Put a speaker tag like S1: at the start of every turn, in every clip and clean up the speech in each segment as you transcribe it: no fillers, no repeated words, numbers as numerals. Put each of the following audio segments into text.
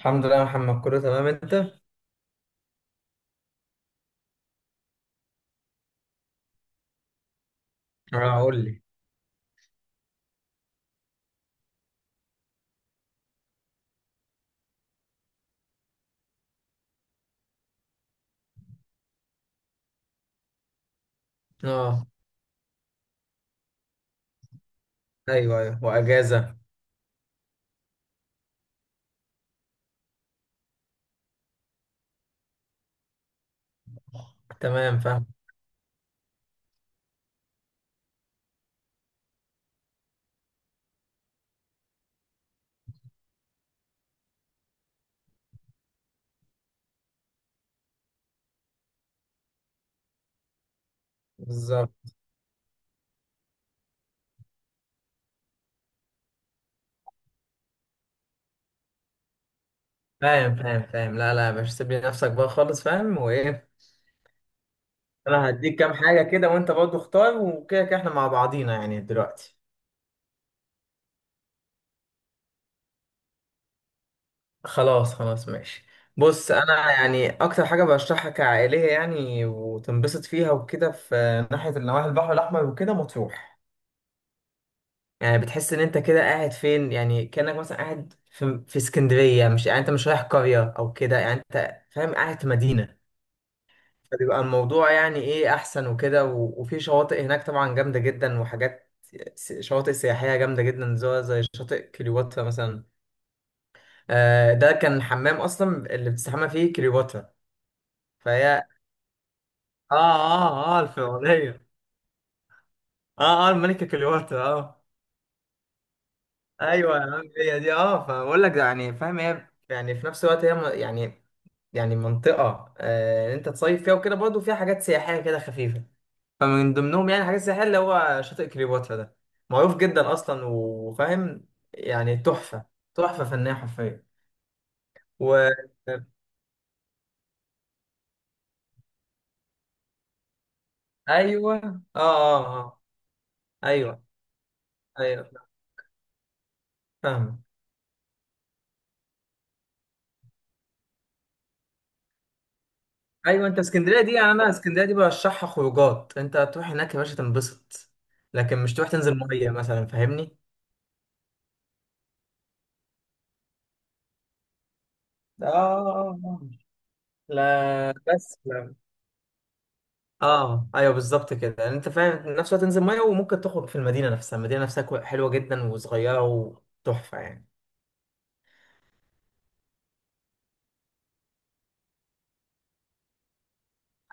S1: الحمد لله يا محمد، كله تمام. انت؟ اه، قول لي. اه، ايوه ايوه، واجازه. تمام، فاهم. بالظبط. فاهم فاهم فاهم، لا لا يا باشا، سيب لي نفسك بقى خالص. فاهم. وايه؟ انا هديك كام حاجه كده، وانت برضه اختار، وكده كده احنا مع بعضينا يعني دلوقتي. خلاص خلاص، ماشي. بص، انا يعني اكتر حاجه برشحها كعائليه يعني وتنبسط فيها وكده في ناحيه النواحي البحر الاحمر وكده، مطروح. يعني بتحس ان انت كده قاعد فين، يعني كأنك مثلا قاعد في اسكندرية. مش يعني انت مش رايح قرية او كده، يعني انت فاهم قاعد في مدينة. فبيبقى الموضوع يعني ايه احسن وكده وفي شواطئ هناك طبعا جامدة جدا وحاجات. شواطئ سياحية جامدة جدا، زي شاطئ كليوباترا مثلا. ده كان الحمام اصلا اللي بتستحمى فيه كليوباترا. فهي، اه اه اه، الفرعونية. اه اه الملكة كليوباترا، اه. ايوه يا عم هي دي، اه. فبقول لك يعني، فاهم، هي يعني في نفس الوقت هي يعني، يعني منطقة انت تصيف فيها وكده، برضه فيها حاجات سياحية كده خفيفة. فمن ضمنهم يعني حاجات سياحية اللي هو شاطئ كليوباترا ده، معروف جدا أصلا وفاهم. يعني تحفة، تحفة فنية حرفيا. و أيوه، آه آه آه. أيوه. أيوه، فاهم. أيوه. أنت اسكندرية دي يعني، أنا اسكندرية دي برشحها خروجات. أنت تروح هناك يا باشا تنبسط، لكن مش تروح تنزل مية مثلا، فاهمني؟ آه آه آه. لا بس. اه، ايوه، بالظبط كده يعني انت فاهم. في نفس الوقت تنزل ميه وممكن تخرج في المدينه نفسها. المدينه نفسها حلوه جدا وصغيره وتحفه يعني.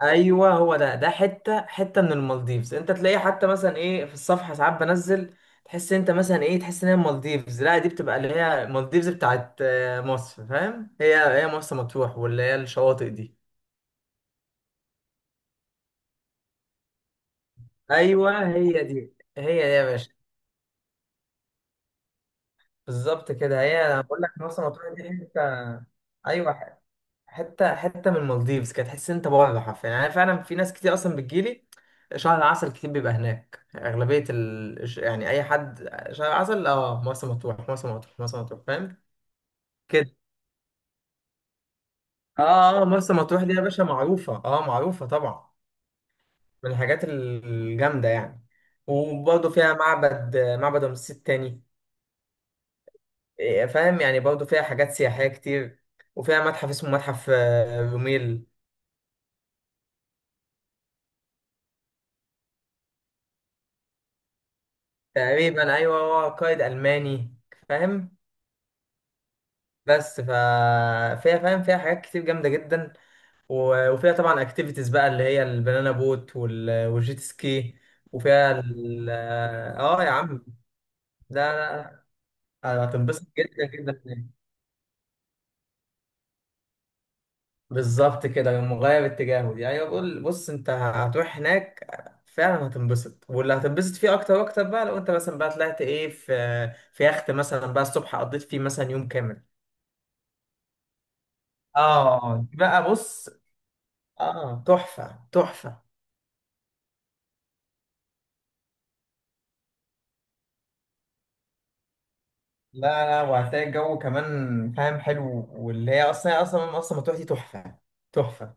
S1: ايوه هو ده حته حته من المالديفز، انت تلاقيه. حتى مثلا ايه، في الصفحه ساعات بنزل، تحس انت مثلا ايه، تحس ان هي المالديفز. لا دي بتبقى اللي هي المالديفز بتاعت مصر، فاهم. هي مرسى مطروح، واللي هي الشواطئ دي. ايوه هي دي، هي دي يا باشا. بالظبط كده، هي انا بقول لك مرسى مطروح دي حته. ايوه، حته حته من المالديفز. كانت تحس إن انت بره حرفيا يعني. أنا فعلا في ناس كتير اصلا بتجيلي شهر العسل، كتير بيبقى هناك اغلبيه يعني اي حد شهر العسل، اه، مرسى مطروح، مرسى مطروح، مرسى مطروح، فاهم كده. اه اه، مرسى مطروح دي يا باشا معروفه، اه، معروفه طبعا. من الحاجات الجامده يعني. وبرضه فيها معبد رمسيس التاني. فاهم يعني برضه فيها حاجات سياحيه كتير. وفيها متحف اسمه متحف روميل. تقريبا، ايوه، هو قائد الماني. فاهم. بس. فيها، فاهم، فيها حاجات كتير جامده جدا. وفيها طبعا اكتيفيتيز بقى اللي هي البنانا بوت والجيت سكي. وفيها ال... اه يا عم. لا. لا. لا، هتنبسط جدا جدا هناك. بالظبط كده، مغاير اتجاهه دي. ايوه بقول بص، انت هتروح هناك فعلا هتنبسط، واللي هتنبسط فيه اكتر واكتر بقى لو انت مثلا بقى طلعت ايه في يخت مثلا بقى الصبح قضيت فيه مثلا يوم كامل. اه دي بقى بص. اه، تحفه تحفه. لا لا، وهتلاقي الجو كمان فاهم حلو، واللي هي اصلا اصلا اصلا مطروح دي تحفه، تحفه.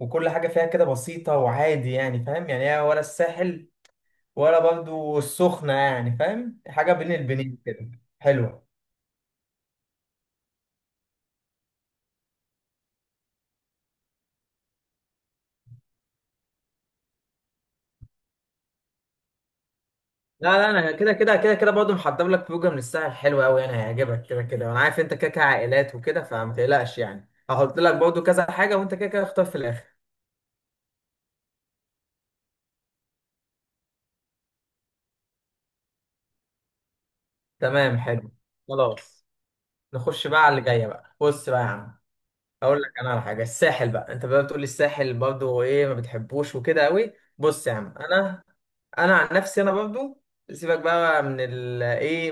S1: وكل حاجه فيها كده بسيطه وعادي يعني، فاهم، يعني هي ولا الساحل ولا برضو السخنه، يعني فاهم، حاجه بين البنين كده حلوه. لا لا، انا كده كده كده كده برضه محضر لك فوجة من الساحل حلوه قوي، يعني هيعجبك كده كده. وانا عارف انت كده كده عائلات وكده، فما تقلقش يعني. هحط لك برضه كذا حاجه وانت كده كده اختار في الاخر. تمام، حلو. خلاص. نخش بقى على اللي جايه بقى. بص بقى يا عم، اقول لك انا على حاجه الساحل بقى. انت بقى بتقول لي الساحل برضه ايه، ما بتحبوش وكده قوي. بص يا عم، انا انا عن نفسي انا برضه، سيبك بقى من ال ايه،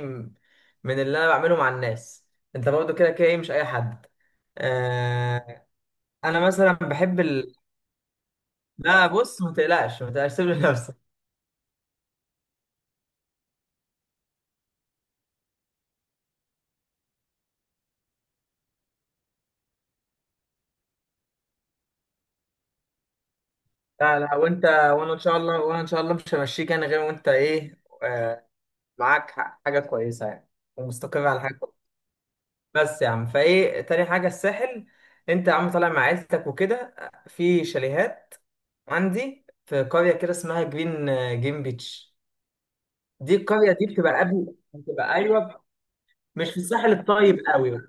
S1: من اللي انا بعمله مع الناس. انت برضه كده كده ايه، مش اي حد. آه انا مثلا بحب لا بص، ما تقلقش، ما تقلقش، سيب لنفسك. لا لا، وانت وانا ان شاء الله، وانا ان شاء الله مش همشيك انا غير وانت ايه. معاك حاجه كويسه يعني، ومستقر على حاجه. بس يا عم، فايه تاني حاجه الساحل. انت يا عم طالع مع عيلتك وكده، في شاليهات عندي في قريه كده اسمها جرين جيم بيتش. دي القريه دي بتبقى قبل، بتبقى ايوه مش في الساحل الطيب قوي.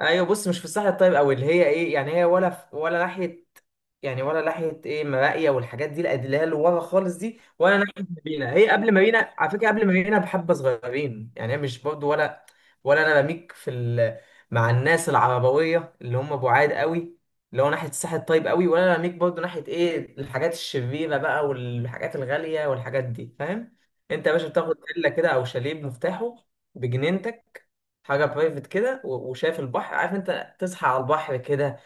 S1: ايوه بص، مش في الصح الطيب، او اللي هي ايه يعني، هي ولا في ولا ناحيه يعني، ولا ناحيه ايه مراقيه والحاجات دي الادلال ورا خالص دي، ولا ناحيه مارينا. هي قبل مارينا، على فكره قبل مارينا بحبه صغيرين، يعني هي مش برضو ولا. ولا انا بميك في مع الناس العربويه اللي هم بعاد قوي، اللي هو ناحيه الساحل الطيب قوي. ولا انا بميك برضو ناحيه ايه الحاجات الشريره بقى والحاجات الغاليه والحاجات دي، فاهم. انت يا باشا بتاخد فيلا كده او شاليه بمفتاحه، بجنينتك، حاجه برايفت كده. وشايف البحر، عارف، انت تصحى على البحر كده،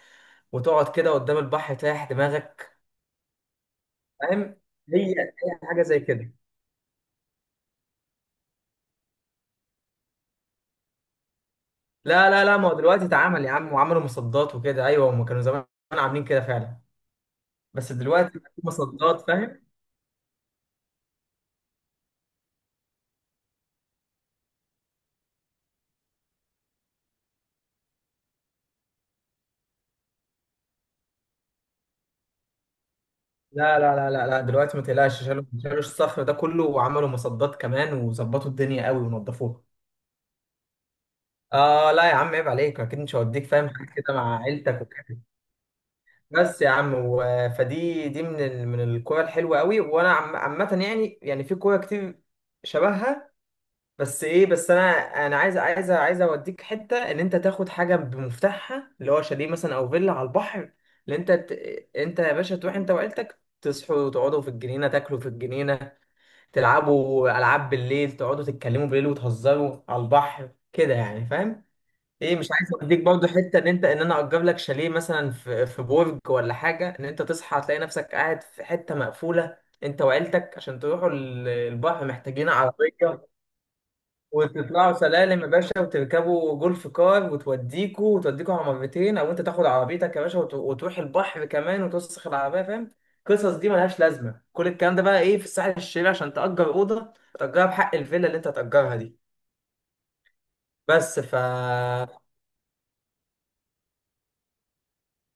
S1: وتقعد كده قدام البحر تريح دماغك، فاهم. هي حاجه زي كده. لا لا لا، ما هو دلوقتي اتعمل يا عم، وعملوا مصدات وكده. ايوه هم كانوا زمان عاملين كده فعلا، بس دلوقتي بقى في مصدات، فاهم. لا لا لا لا لا، دلوقتي ما تقلقش. شالوا الصخر ده كله، وعملوا مصدات كمان، وظبطوا الدنيا قوي ونضفوها. اه لا يا عم، عيب عليك، اكيد مش هوديك فاهم حاجه كده مع عيلتك وكده. بس يا عم، فدي دي من من الكوره الحلوه قوي، وانا عامه يعني في كوره كتير شبهها. بس ايه، بس انا انا عايز اوديك حته ان انت تاخد حاجه بمفتاحها، اللي هو شاليه مثلا او فيلا على البحر. اللي انت ت... انت يا باشا تروح انت وعيلتك، تصحوا وتقعدوا في الجنينه، تاكلوا في الجنينه، تلعبوا العاب بالليل، تقعدوا تتكلموا بالليل وتهزروا على البحر كده يعني، فاهم. ايه، مش عايز اوديك برضه حته ان انا اجر لك شاليه مثلا في برج ولا حاجه، ان انت تصحى تلاقي نفسك قاعد في حته مقفوله انت وعيلتك، عشان تروحوا البحر محتاجين عربيه، وتطلعوا سلالم يا باشا، وتركبوا جولف كار، وتوديكوا على مرتين، او انت تاخد عربيتك يا باشا وتروح البحر كمان، وتوسخ العربيه، فاهم. القصص دي ملهاش لازمه، كل الكلام ده بقى ايه في الساحل الشرير عشان تأجر اوضه تأجرها بحق الفيلا اللي انت هتأجرها دي. بس.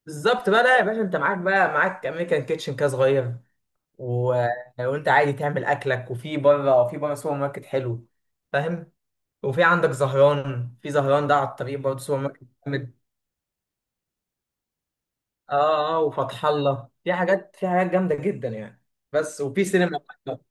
S1: بالظبط بقى. لا يا باشا، انت معاك امريكان كيتشن كده صغير، و... وانت عادي تعمل اكلك، وفي بره في بره سوبر ماركت حلو، فاهم. وفي عندك زهران، في زهران ده على الطريق برضه سوبر ماركت جامد. اه اه، وفتح الله في حاجات جامده جدا يعني. بس وفي سينما برضه.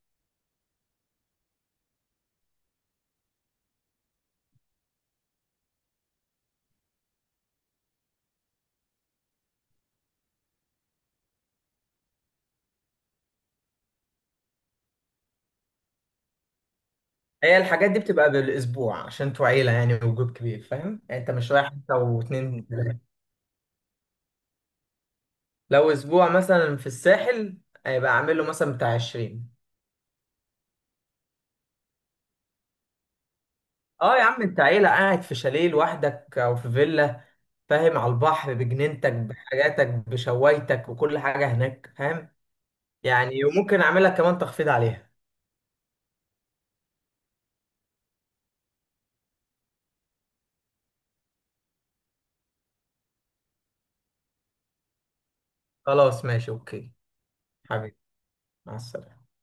S1: هي الحاجات دي بتبقى بالاسبوع، عشان انتوا عيله يعني وجروب كبير، فاهم يعني، انت مش رايح انت واتنين تلاته. لو اسبوع مثلا في الساحل، هيبقى عامل له مثلا بتاع 20. اه يا عم، انت عيلة قاعد في شاليه لوحدك او في فيلا، فاهم، على البحر، بجنينتك، بحاجاتك، بشوايتك وكل حاجة هناك، فاهم يعني. وممكن اعملها كمان تخفيض عليها. خلاص ماشي، اوكي. حبيبي، مع السلامة.